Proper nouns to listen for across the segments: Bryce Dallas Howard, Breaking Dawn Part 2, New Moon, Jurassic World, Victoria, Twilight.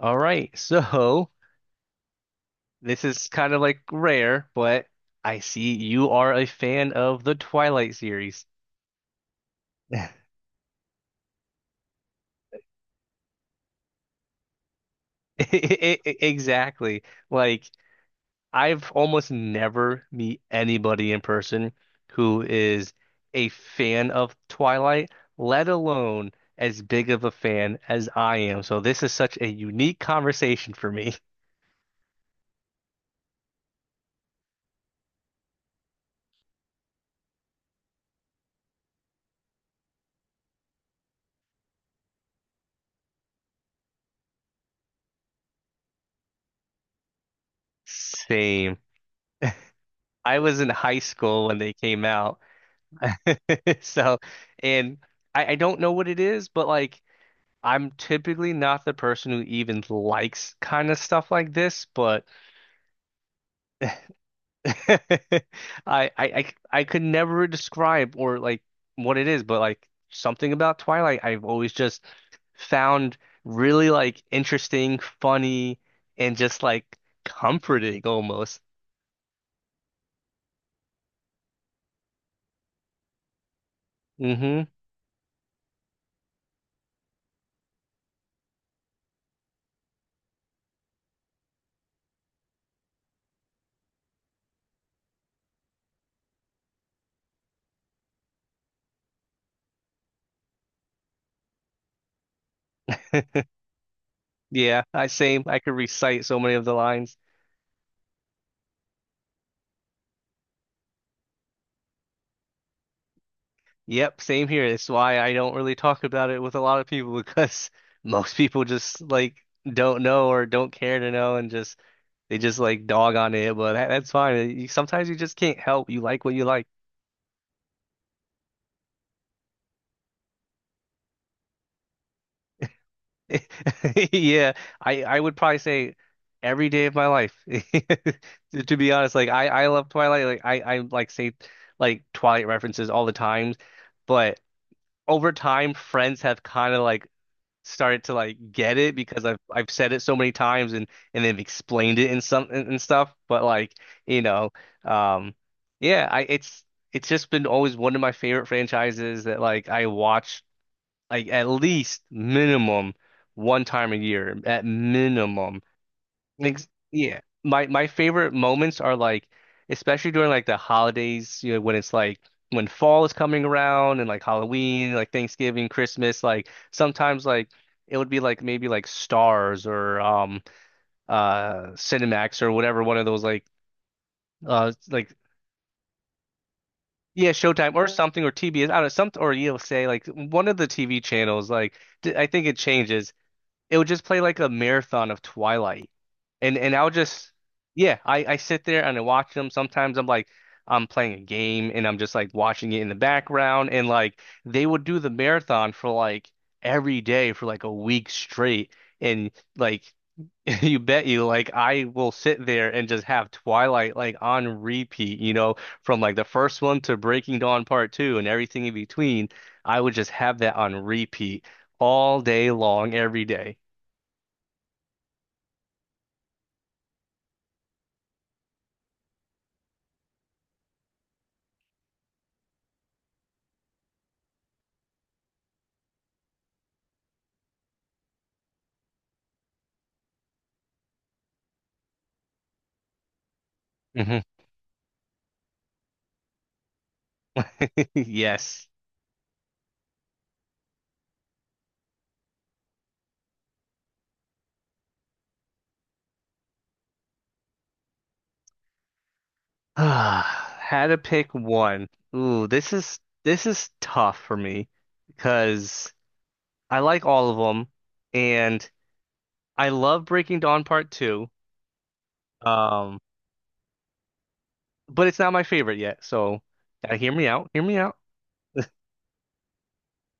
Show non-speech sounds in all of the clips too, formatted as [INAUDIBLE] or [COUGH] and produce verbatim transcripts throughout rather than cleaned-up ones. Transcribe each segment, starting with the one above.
All right. So this is kind of like rare, but I see you are a fan of the Twilight series. [LAUGHS] I- I- I- Exactly. Like I've almost never meet anybody in person who is a fan of Twilight, let alone as big of a fan as I am. So this is such a unique conversation for me. [LAUGHS] Same. I was in high school when they came out. [LAUGHS] So, and I, I don't know what it is, but like I'm typically not the person who even likes kind of stuff like this, but [LAUGHS] I I I I could never describe or like what it is, but like something about Twilight I've always just found really like interesting, funny, and just like comforting almost. Hmm. Yeah, I same. I could recite so many of the lines. Yep, same here. It's why I don't really talk about it with a lot of people because [LAUGHS] most people just like don't know or don't care to know and just they just like dog on it. But that, that's fine. You, sometimes you just can't help. You like what you like. [LAUGHS] Yeah, I I would probably say every day of my life. [LAUGHS] To, to be honest, like I I love Twilight. Like I I like say like Twilight references all the time, but over time, friends have kind of like started to like get it because I've I've said it so many times and and they've explained it in some and and stuff. But like, you know, um yeah, I it's it's just been always one of my favorite franchises that like I watch like at least minimum one time a year at minimum. Ex Yeah. My my favorite moments are like especially during like the holidays, you know, when it's like when fall is coming around and like Halloween, like Thanksgiving, Christmas, like sometimes like it would be like maybe like Stars or um uh Cinemax or whatever one of those like uh like yeah Showtime or something or T B S, I don't know, something or you'll say like one of the T V channels like d- I think it changes. It would just play like a marathon of Twilight. And and I'll just yeah, I I sit there and I watch them. Sometimes I'm like I'm playing a game and I'm just like watching it in the background, and like they would do the marathon for like every day for like a week straight and like [LAUGHS] you bet you like I will sit there and just have Twilight like on repeat, you know, from like the first one to Breaking Dawn Part two and everything in between. I would just have that on repeat all day long every day. Mhm. [LAUGHS] Yes. [SIGHS] Had to pick one. Ooh, this is this is tough for me because I like all of them and I love Breaking Dawn Part two. Um, but it's not my favorite yet, so gotta hear me out. Hear me out.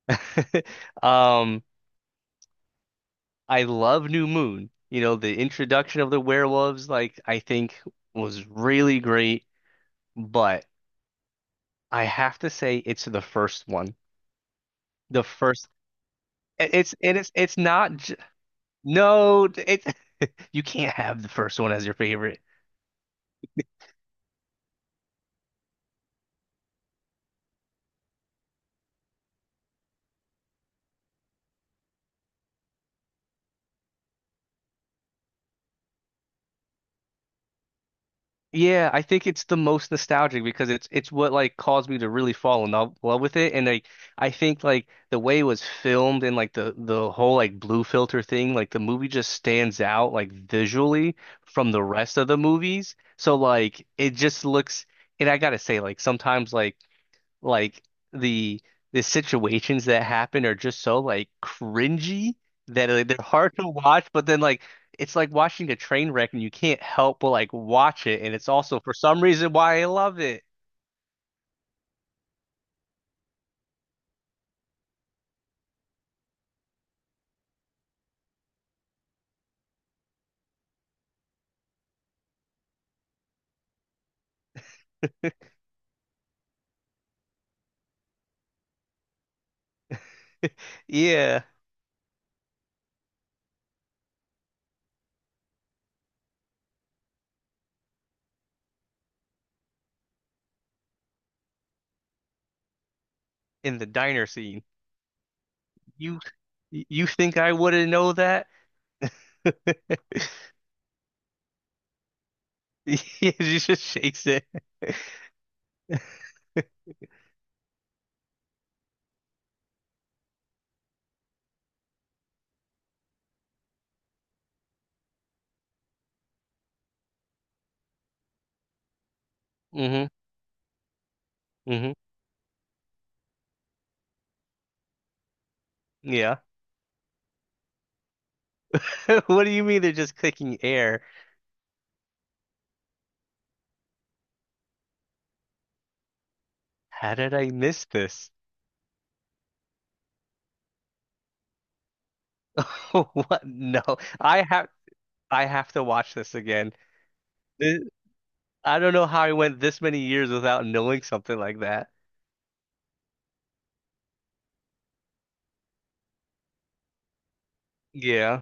[LAUGHS] Um, I love New Moon. You know, the introduction of the werewolves, like I think was really great, but I have to say it's the first one. The first it- It's it is it's not j- no it's [LAUGHS] You can't have the first one as your favorite. Yeah, I think it's the most nostalgic because it's it's what like caused me to really fall in love, love with it. And like I think like the way it was filmed and like the the whole like blue filter thing, like the movie just stands out like visually from the rest of the movies. So like it just looks. And I gotta say like sometimes like like the the situations that happen are just so like cringy that like they're hard to watch, but then like it's like watching a train wreck and you can't help but like watch it, and it's also for some reason why I love it. Yeah, in the diner scene. You you think I wouldn't know that? [LAUGHS] Yeah, she just shakes it. [LAUGHS] Hmm. Hmm. Yeah. [LAUGHS] What do you mean they're just clicking air? How did I miss this? [LAUGHS] What? No. I have I have to watch this again. This, I don't know how I went this many years without knowing something like that. Yeah.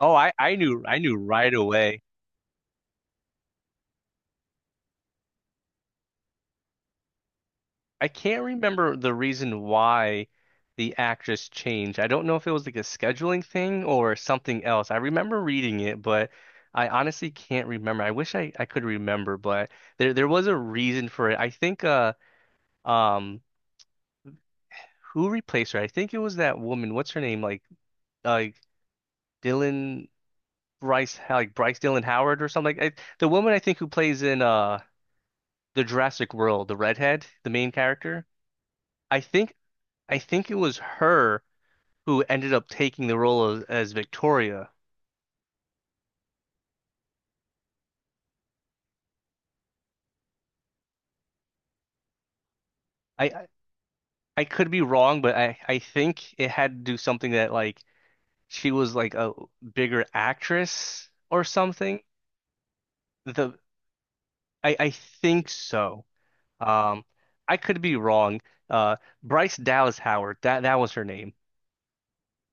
Oh, I I knew I knew right away. I can't remember the reason why the actress changed. I don't know if it was like a scheduling thing or something else. I remember reading it, but I honestly can't remember. I wish I, I could remember, but there there was a reason for it. I think uh um who replaced her? I think it was that woman. What's her name? Like like Dylan Bryce like Bryce Dylan Howard or something. Like I, the woman I think who plays in uh the Jurassic World, the redhead, the main character. I think I think it was her who ended up taking the role of, as Victoria. I, I I could be wrong, but I I think it had to do something that like she was like a bigger actress or something. The I I think so. Um, I could be wrong. Uh, Bryce Dallas Howard. That that was her name.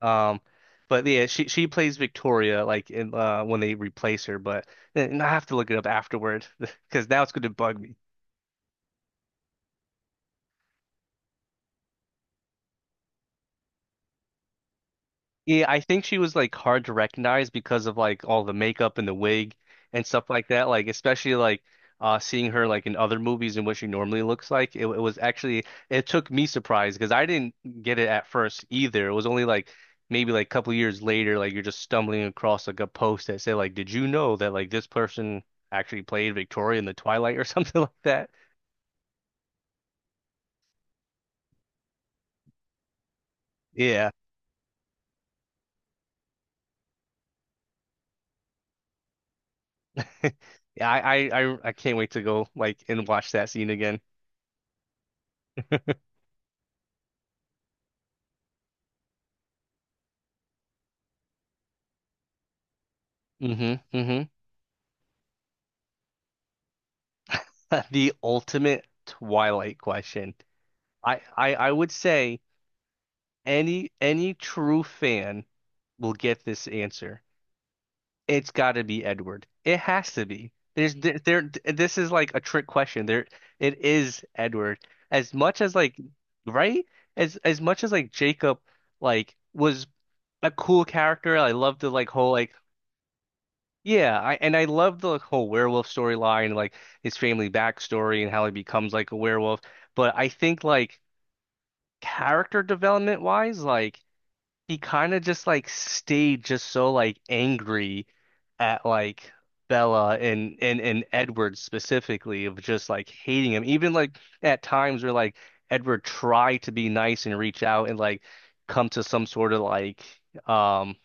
Um. But yeah, she she plays Victoria like in uh when they replace her, but and I have to look it up afterward [LAUGHS] because now it's going to bug me. Yeah, I think she was like hard to recognize because of like all the makeup and the wig and stuff like that. Like especially like uh seeing her like in other movies and what she normally looks like. It, it was actually it took me surprised because I didn't get it at first either. It was only like maybe like a couple years later, like you're just stumbling across like a post that said like, did you know that like this person actually played Victoria in the Twilight or [LAUGHS] something like that? Yeah. [LAUGHS] Yeah, I I I, I can't wait to go like and watch that scene again. Hmm. Hmm. [LAUGHS] The ultimate Twilight question. I, I I would say any any true fan will get this answer. It's got to be Edward. It has to be. There's there, there This is like a trick question. There, it is Edward. As much as like, right? As as much as like Jacob like was a cool character. I love the like whole like Yeah, I, and I love the like whole werewolf storyline, like his family backstory and how he becomes like a werewolf. But I think like character development wise, like he kind of just like stayed just so like angry at like Bella and and and Edward specifically of just like hating him. Even like at times where like Edward tried to be nice and reach out and like come to some sort of like um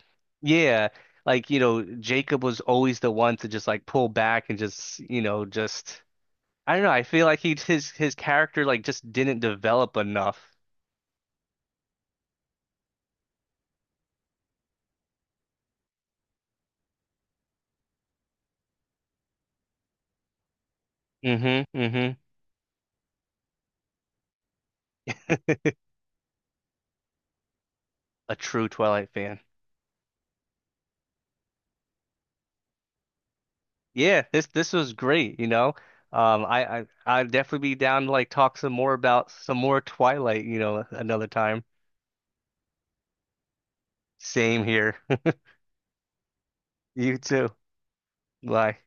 yeah like you know Jacob was always the one to just like pull back and just you know just I don't know, I feel like he his his character like just didn't develop enough. Hmm. Hmm. [LAUGHS] A true Twilight fan. Yeah, this this was great, you know. Um, I I I'd definitely be down to like talk some more about some more Twilight, you know, another time. Same here. [LAUGHS] You too. Bye.